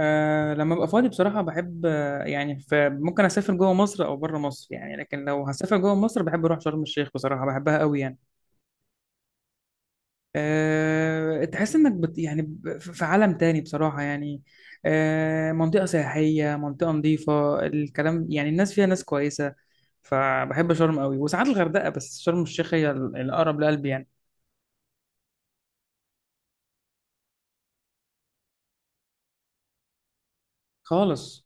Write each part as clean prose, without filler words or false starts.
لما ابقى فاضي بصراحة بحب ممكن اسافر جوه مصر او بره مصر، يعني لكن لو هسافر جوه مصر بحب اروح شرم الشيخ، بصراحة بحبها قوي يعني. تحس انك في عالم تاني بصراحة يعني. منطقة سياحية، منطقة نظيفة، الكلام يعني الناس فيها ناس كويسة. فبحب شرم قوي وساعات الغردقة، بس شرم الشيخ هي الأقرب لقلبي يعني. خالص.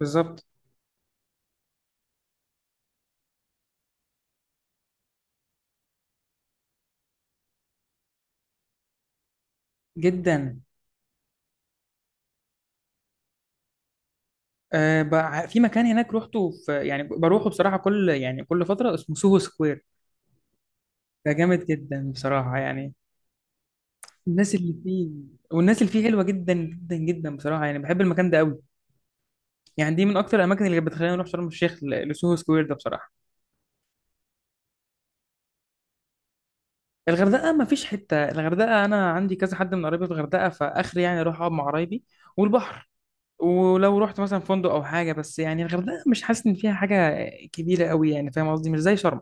بالظبط. جدا. أه بقى في مكان هناك روحته، في يعني بروحه بصراحة كل يعني كل فترة، اسمه سوهو سكوير. ده جامد جدا بصراحة يعني. الناس اللي فيه، والناس اللي فيه حلوة جدا جدا جدا بصراحة يعني، بحب المكان ده قوي. يعني دي من أكتر الأماكن اللي بتخليني أروح شرم الشيخ، لسوهو سكوير ده بصراحة. الغردقة ما فيش حتة، الغردقة أنا عندي كذا حد من قرايبي في الغردقة، فآخري يعني أروح أقعد مع قرايبي والبحر. ولو رحت مثلا فندق أو حاجة، بس يعني الغردقة مش حاسس إن فيها حاجة كبيرة قوي، يعني فاهم قصدي، مش زي شرم.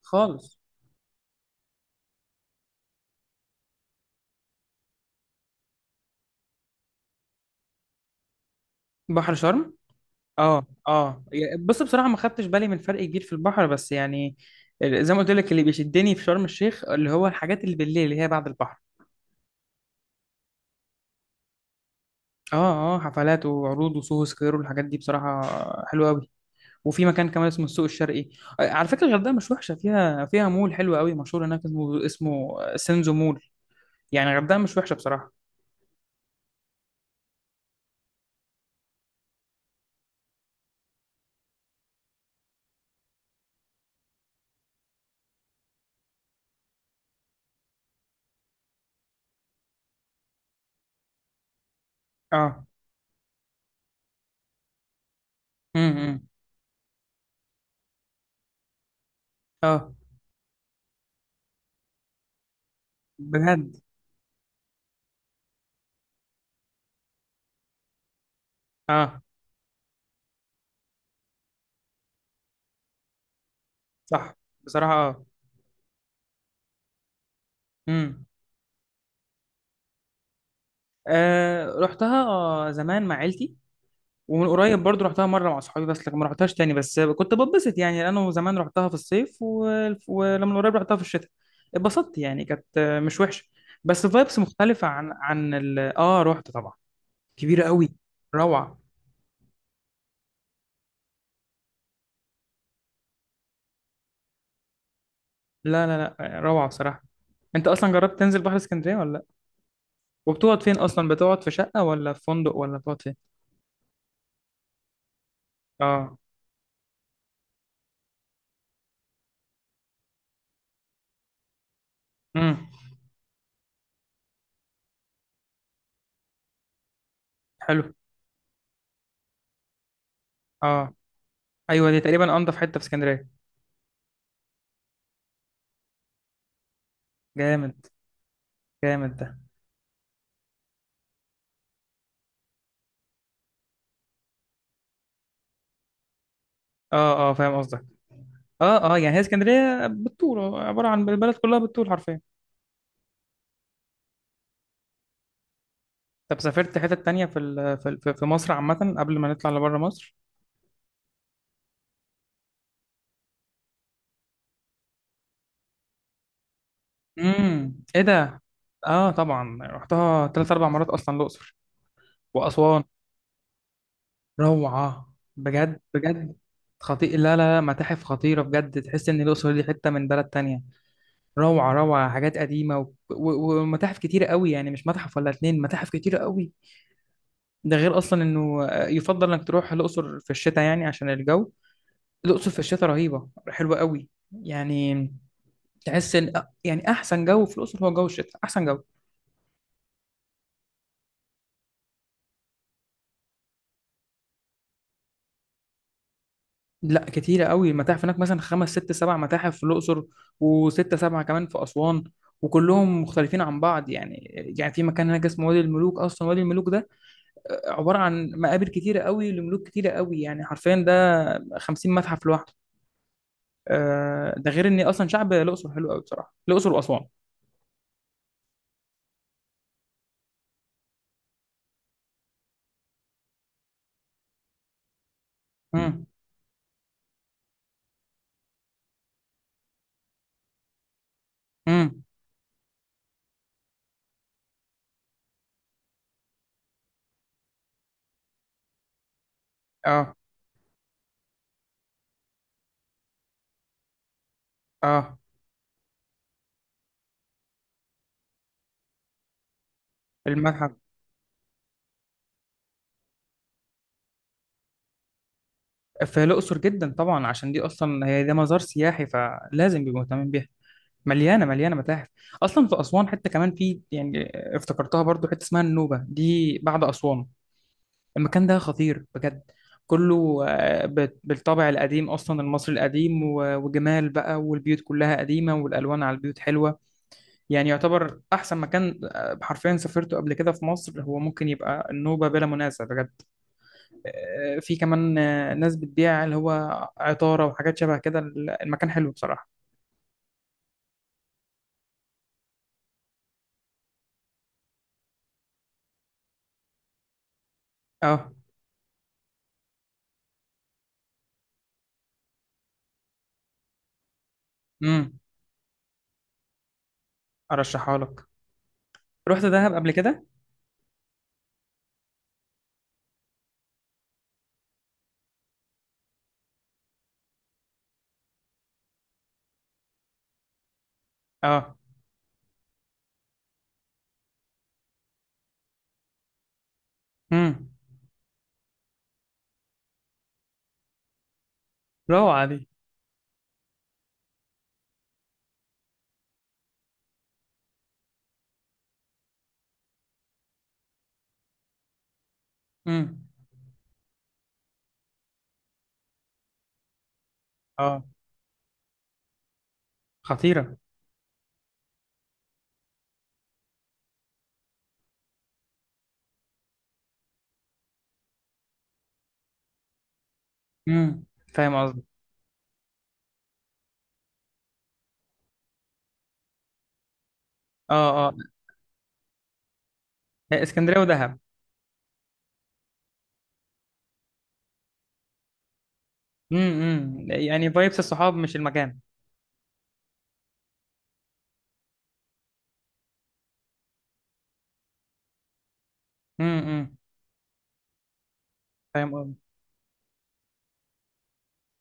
خالص. بحر شرم. اه اه، بص بصراحه ما خدتش بالي من فرق كبير في البحر، بس يعني زي ما قلت لك اللي بيشدني في شرم الشيخ اللي هو الحاجات اللي بالليل اللي هي بعد البحر. اه اه، حفلات وعروض وسوهو سكوير والحاجات دي بصراحه حلوه قوي. وفي مكان كمان اسمه السوق الشرقي. على فكره الغردقه مش وحشه، فيها فيها مول حلو قوي مشهور هناك، اسمه سينزو مول. يعني الغردقه مش وحشه بصراحه. اه. امم اه. بجد. اه. صح. بصراحه اه. امم آه رحتها زمان مع عيلتي، ومن قريب برضو رحتها مره مع اصحابي، بس لكن ما رحتهاش تاني، بس كنت بتبسط يعني. انا زمان رحتها في الصيف و... ولما قريب رحتها في الشتاء اتبسطت، يعني كانت مش وحشه، بس فايبس مختلفه عن اه رحت طبعا. كبيره قوي. روعه. لا لا لا، روعه بصراحه. انت اصلا جربت تنزل بحر اسكندريه ولا لا؟ وبتقعد فين اصلا، بتقعد في شقه ولا في فندق ولا بتقعد فين؟ اه. امم. حلو. اه. ايوه دي تقريبا انضف حته في اسكندريه. جامد. جامد ده. اه اه فاهم قصدك. اه اه يعني هي اسكندريه بالطول، عباره عن البلد كلها بالطول حرفيا. طب سافرت حتة تانية في في مصر عامة قبل ما نطلع لبره مصر؟ امم، ايه ده؟ اه طبعا رحتها 3 4 مرات، اصلا الاقصر واسوان. روعة بجد بجد. خطير. لا لا لا، متاحف خطيرة بجد، تحس ان الاقصر دي حتة من بلد تانية. روعة روعة، حاجات قديمة و... و... ومتاحف كتيرة قوي، يعني مش متحف ولا اتنين، متاحف كتيرة قوي. ده غير اصلا انه يفضل انك تروح الاقصر في الشتاء يعني عشان الجو. الأقصر في الشتاء رهيبة، حلوة قوي يعني. تحس ان يعني احسن جو في الأقصر هو جو الشتاء، احسن جو. لا كتيرة قوي المتاحف هناك، مثلا 5 6 7 متاحف في الأقصر، وستة سبعة كمان في أسوان، وكلهم مختلفين عن بعض يعني. يعني في مكان هناك اسمه وادي الملوك، اصلا وادي الملوك ده عباره عن مقابر كتيره قوي لملوك كتيره قوي، يعني حرفيا ده 50 متحف لوحده. ده غير ان اصلا شعب الاقصر حلو قوي بصراحه، الاقصر واسوان. امم. امم. اه اه. المتحف في الأقصر جدا طبعا، عشان دي أصلا هي ده مزار سياحي فلازم بيبقوا مهتمين بيها. مليانة مليانة متاحف. أصلا في أسوان حتى كمان، في يعني افتكرتها برضو حتة اسمها النوبة دي بعد أسوان. المكان ده خطير بجد. كله بالطابع القديم أصلا المصري القديم وجمال بقى، والبيوت كلها قديمة والألوان على البيوت حلوة. يعني يعتبر أحسن مكان حرفيا سافرته قبل كده في مصر، هو ممكن يبقى النوبة بلا منازع بجد. في كمان ناس بتبيع اللي هو عطارة وحاجات شبه كده. المكان حلو بصراحة. اه. امم. ارشحها لك. رحت دهب قبل كده؟ اه. امم. روعة دي. امم. اه. خطيرة. امم. فاهم قصدي. اه اه. اسكندرية ودهب. يعني فايبس الصحاب مش المكان. امم. فاهم قصدي.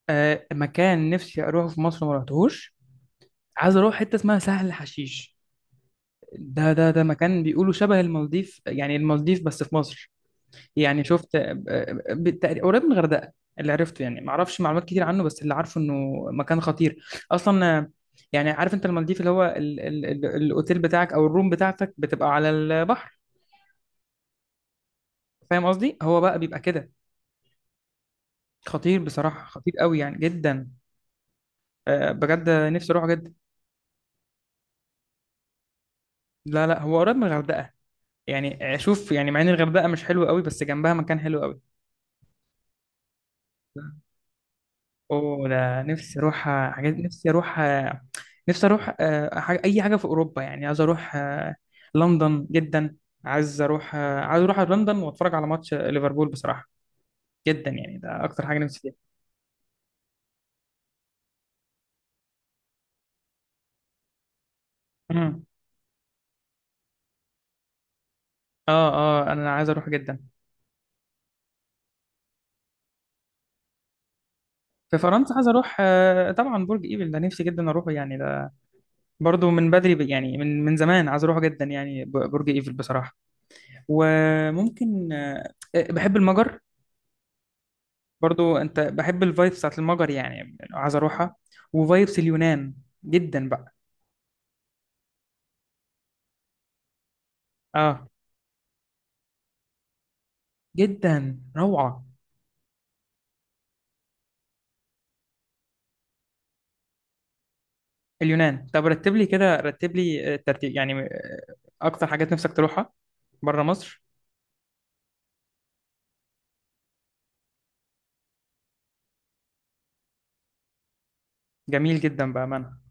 آه مكان نفسي اروحه في مصر ما رحتهوش، عايز اروح حتة اسمها سهل حشيش. ده ده ده مكان بيقولوا شبه المالديف، يعني المالديف بس في مصر. يعني شفت؟ بالتقريب قريب من الغردقه. اللي عرفته يعني، ما اعرفش معلومات كتير عنه، بس اللي عارفه انه مكان خطير. اصلا يعني عارف انت المالديف اللي هو ال ال ال الاوتيل بتاعك او الروم بتاعتك بتبقى على البحر، فاهم قصدي، هو بقى بيبقى كده. خطير بصراحه، خطير قوي يعني جدا. بجد نفسي اروحه جدا. لا لا هو قريب من الغردقه. يعني شوف يعني مع ان الغردقه مش حلوه قوي، بس جنبها مكان حلو قوي. اوه ده نفسي اروح حاجات، نفسي اروح نفسي اروح آه، حاجة اي حاجه في اوروبا يعني، عايز اروح لندن جدا. عايز اروح عايز اروح لندن واتفرج على ماتش ليفربول بصراحه، جدا يعني، ده اكتر حاجه نفسي فيها. امم. اه اه انا عايز اروح جدا. في فرنسا عايز اروح طبعا برج ايفل ده نفسي جدا اروحه يعني، ده برضو من بدري يعني من زمان عايز اروحه جدا يعني، برج ايفل بصراحه. وممكن بحب المجر، برضو انت بحب الفايبس بتاعت المجر يعني عايز اروحها. وفايبس اليونان جدا بقى. اه. جدا روعة. اليونان. طب رتب لي كده، رتب لي الترتيب يعني، اكتر حاجات نفسك تروحها بره مصر. جميل جدا بأمانة.